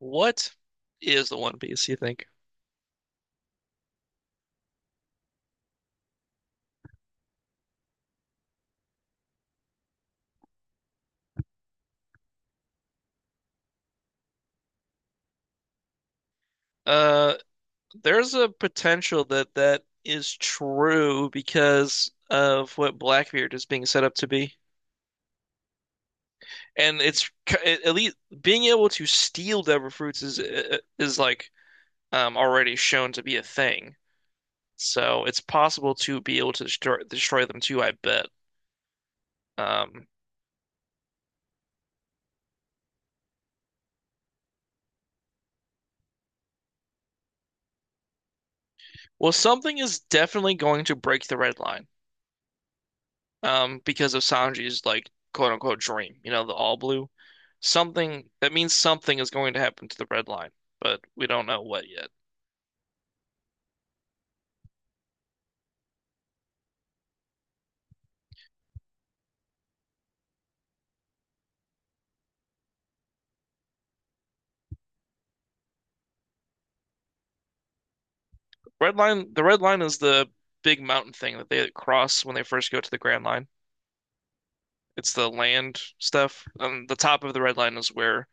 What is the One Piece, you think? Uh, there's a potential that that is true because of what Blackbeard is being set up to be. And at least being able to steal Devilfruits is like already shown to be a thing. So it's possible to be able to destroy them too, I bet. Um, well, something is definitely going to break the red line, because of Sanji's like quote unquote dream, you know, the all blue. Something that means something is going to happen to the red line, but we don't know what yet. Red line, the red line is the big mountain thing that they cross when they first go to the Grand Line. It's the land stuff. The top of the red line is where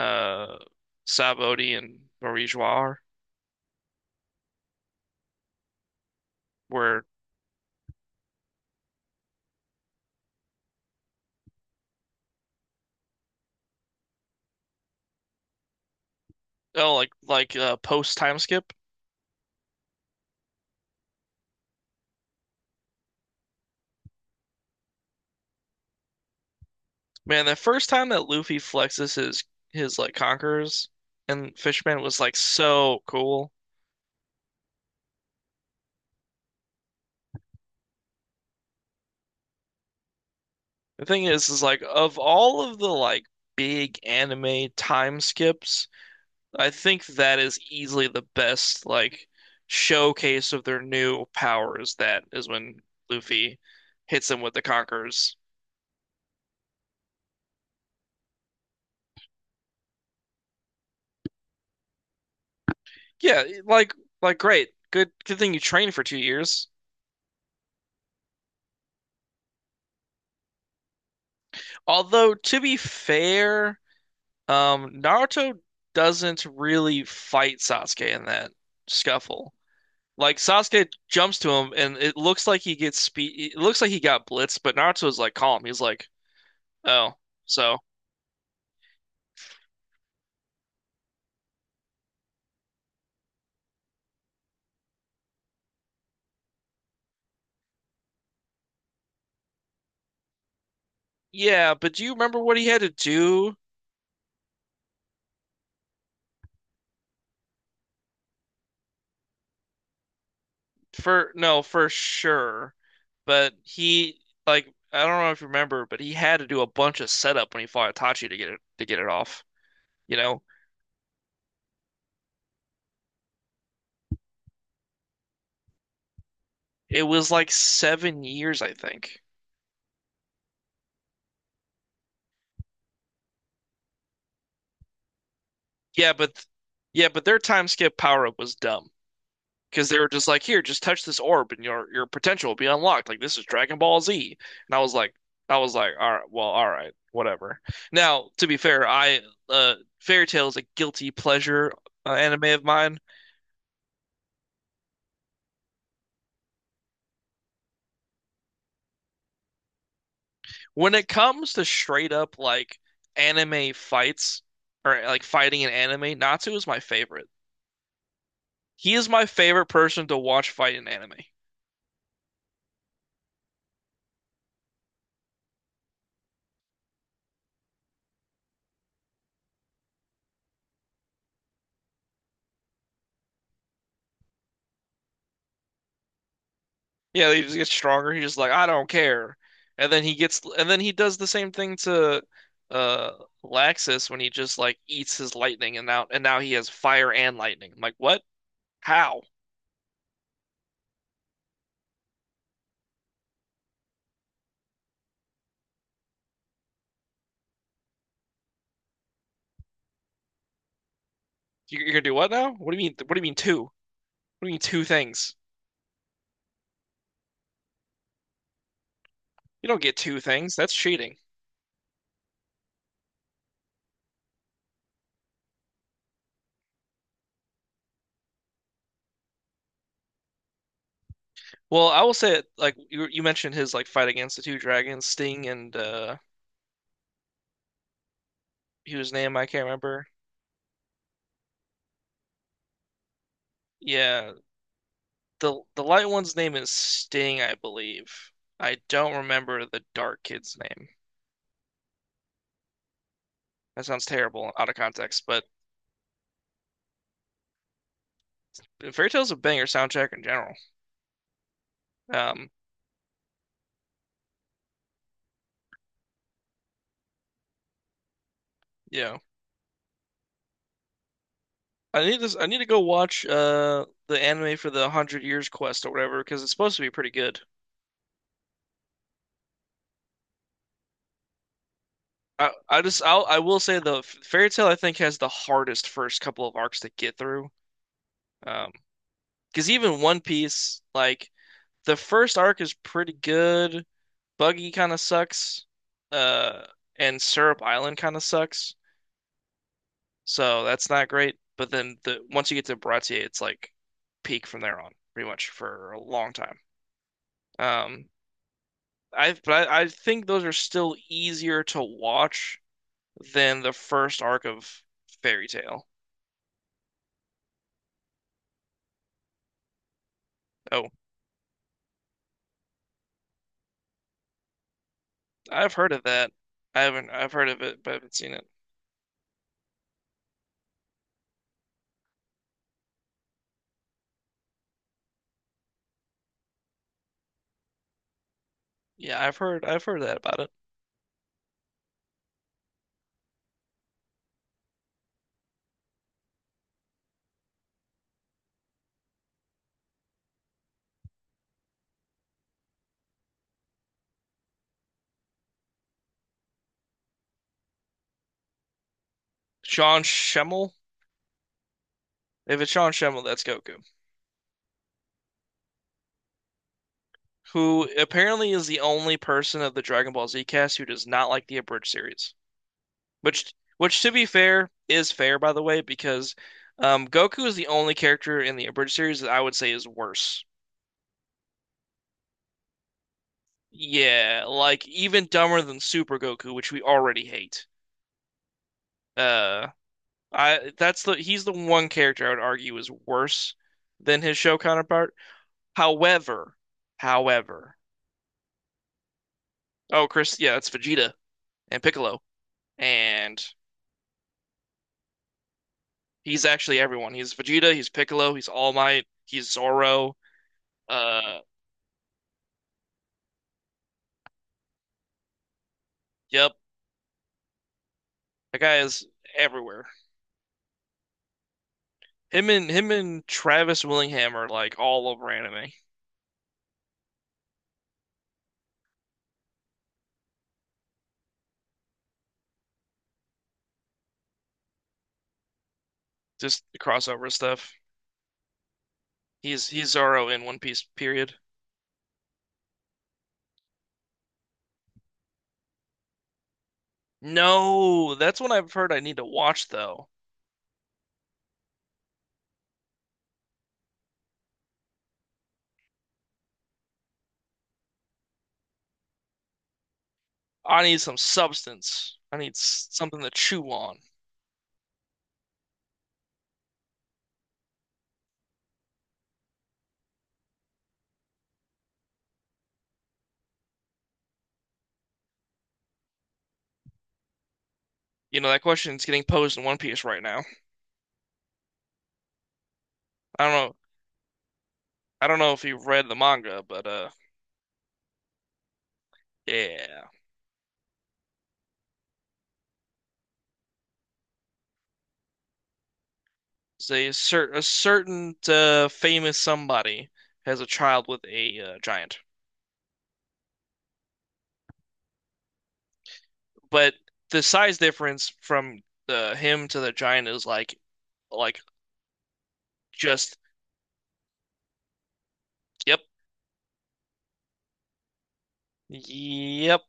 uh Sab Odie and Marie Joie are, where oh like post time skip. Man, the first time that Luffy flexes his like conquerors and Fishman was like so cool. The thing is like of all of the like big anime time skips, I think that is easily the best like showcase of their new powers. That is when Luffy hits him with the Conquerors. Yeah, great, good thing you trained for 2 years. Although to be fair, Naruto doesn't really fight Sasuke in that scuffle. Like Sasuke jumps to him, and it looks like he gets speed. It looks like he got blitzed, but Naruto's like calm. He's like, "Oh, so yeah." But do you remember what he had to do for? No, for sure. But he like I don't know if you remember, but he had to do a bunch of setup when he fought Itachi to get it off. You know, it was like 7 years, I think. Yeah, but yeah, but their time skip power up was dumb, because they were just like, here, just touch this orb and your potential will be unlocked. Like this is Dragon Ball Z. And I was like, all right, whatever. Now, to be fair, I uh Fairy Tail is a guilty pleasure anime of mine. When it comes to straight up like anime fights or like fighting in anime, Natsu is my favorite. He is my favorite person to watch fight in anime. Yeah, he just gets stronger. He's just like, I don't care. And then he does the same thing to uh Laxus when he just like eats his lightning and now he has fire and lightning. I'm like, what? How? You're gonna do what now? What do you mean? What do you mean two? What do you mean two things? You don't get two things. That's cheating. Well, I will say like you mentioned his like fight against the two dragons, Sting and whose name I can't remember. Yeah, the light one's name is Sting, I believe. I don't remember the dark kid's name. That sounds terrible out of context, but Fairy Tail's a banger soundtrack in general. Um, you know, I need this. I need to go watch the anime for the Hundred Years Quest or whatever because it's supposed to be pretty good. I will say the Fairy Tail I think has the hardest first couple of arcs to get through. Um, because even One Piece, like the first arc is pretty good, Buggy kind of sucks. Uh, and Syrup Island kind of sucks. So that's not great. But then the once you get to Baratier, it's like peak from there on, pretty much for a long time. Um, I think those are still easier to watch than the first arc of Fairy Tail. Oh, I've heard of that. I haven't. I've heard of it, but I haven't seen it. I've heard that about it. Sean Schemmel. If it's Sean Schemmel, that's Goku, who apparently is the only person of the Dragon Ball Z cast who does not like the abridged series. Which to be fair, is fair by the way, because Goku is the only character in the abridged series that I would say is worse. Yeah, like even dumber than Super Goku, which we already hate. Uh, I that's the He's the one character I would argue is worse than his show counterpart. However, however, oh Chris, yeah, it's Vegeta and Piccolo and he's actually everyone. He's Vegeta, he's Piccolo, he's All Might, he's Zoro. Uh, yep, that guy is everywhere. Him and Travis Willingham are like all over anime. Just the crossover stuff. He's Zoro in One Piece, period. No, that's what I've heard I need to watch though. I need some substance. I need something to chew on. You know, that question's getting posed in One Piece right now. I don't know. I don't know if you've read the manga, but yeah. Say a, cer a certain famous somebody has a child with a giant, but the size difference from the him to the giant is like just yep, yep.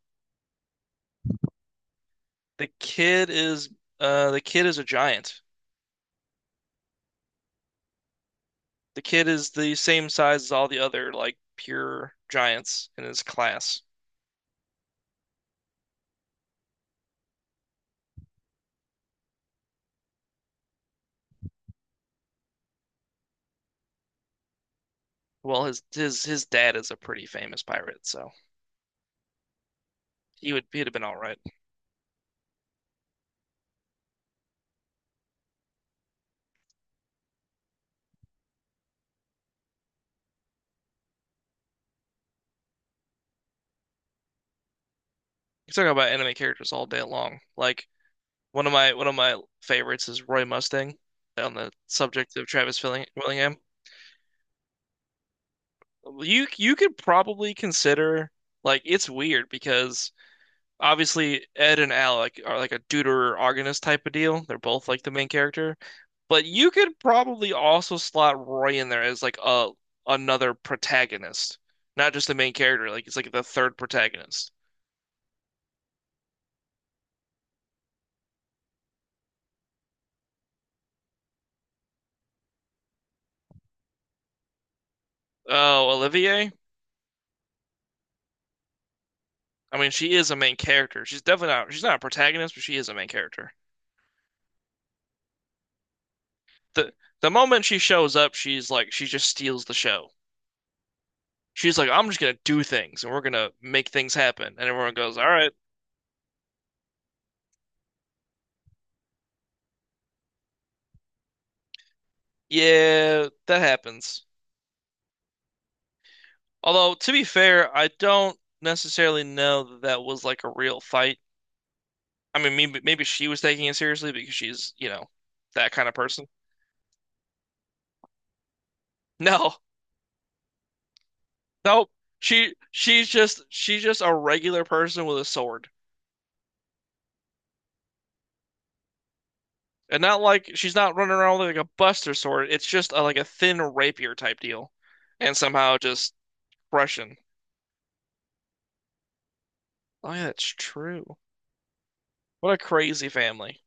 The kid is the kid is a giant. The kid is the same size as all the other like pure giants in his class. Well, his dad is a pretty famous pirate, so he'd have been all right. You're talking about anime characters all day long, like. One of my favorites is Roy Mustang on the subject of Willingham. You could probably consider like it's weird because obviously Ed and Alec are like a deuteragonist type of deal. They're both like the main character, but you could probably also slot Roy in there as like a another protagonist, not just the main character. Like it's like the third protagonist. Oh, Olivier. I mean, she is a main character. She's definitely not. She's not a protagonist, but she is a main character. the the moment she shows up, she's like she just steals the show. She's like, I'm just gonna do things and we're gonna make things happen. And everyone goes, all right, yeah, that happens. Although to be fair, I don't necessarily know that that was like a real fight. I mean, maybe she was taking it seriously because she's, you know, that kind of person. No, nope. She's just a regular person with a sword. And not like she's not running around with like a buster sword. It's just a, like a thin rapier type deal. And somehow just crushing. Oh yeah, that's true. What a crazy family.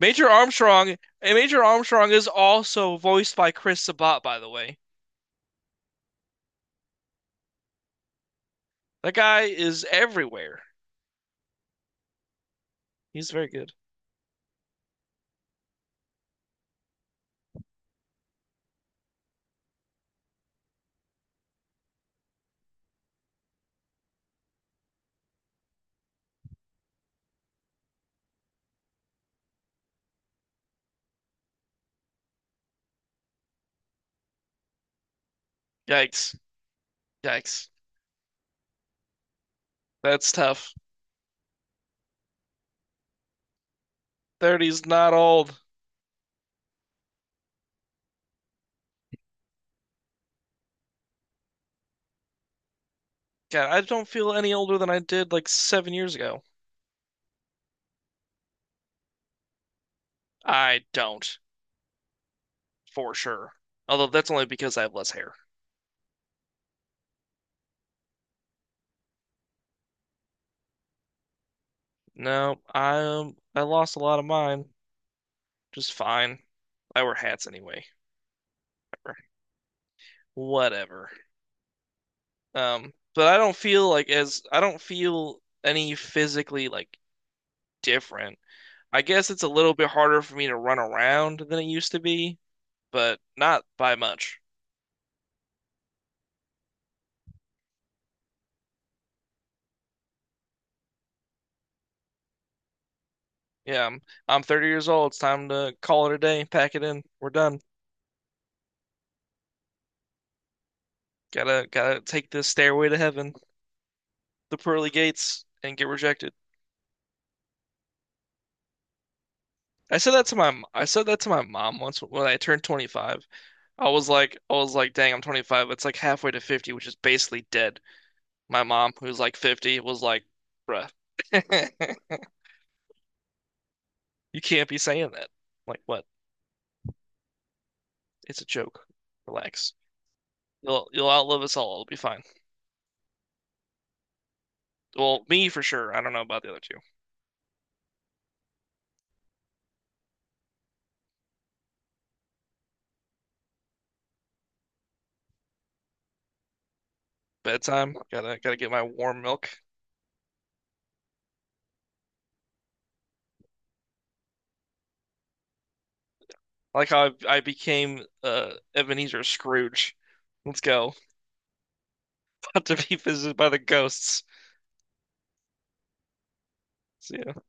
Major Armstrong, Major Armstrong is also voiced by Chris Sabat, by the way. That guy is everywhere. He's very good. Yikes. Yikes. That's tough. 30's not old. God, I don't feel any older than I did like 7 years ago. I don't, for sure. Although that's only because I have less hair. No, I lost a lot of mine. Just fine. I wear hats anyway. Whatever. But I don't feel like as I don't feel any physically like different. I guess it's a little bit harder for me to run around than it used to be, but not by much. Yeah, I'm, I'm 30 years old. It's time to call it a day, pack it in. We're done. Gotta take this stairway to heaven, the pearly gates, and get rejected. I said that to my mom once when I turned 25. I was like, dang, I'm 25. It's like halfway to 50, which is basically dead. My mom, who's like 50, was like, bruh, you can't be saying that. I'm like, what? It's a joke. Relax. You'll outlive us all. It'll be fine. Well, me for sure. I don't know about the other two. Bedtime. Gotta get my warm milk. I like how I became Ebenezer Scrooge. Let's go. About to be visited by the ghosts. See ya.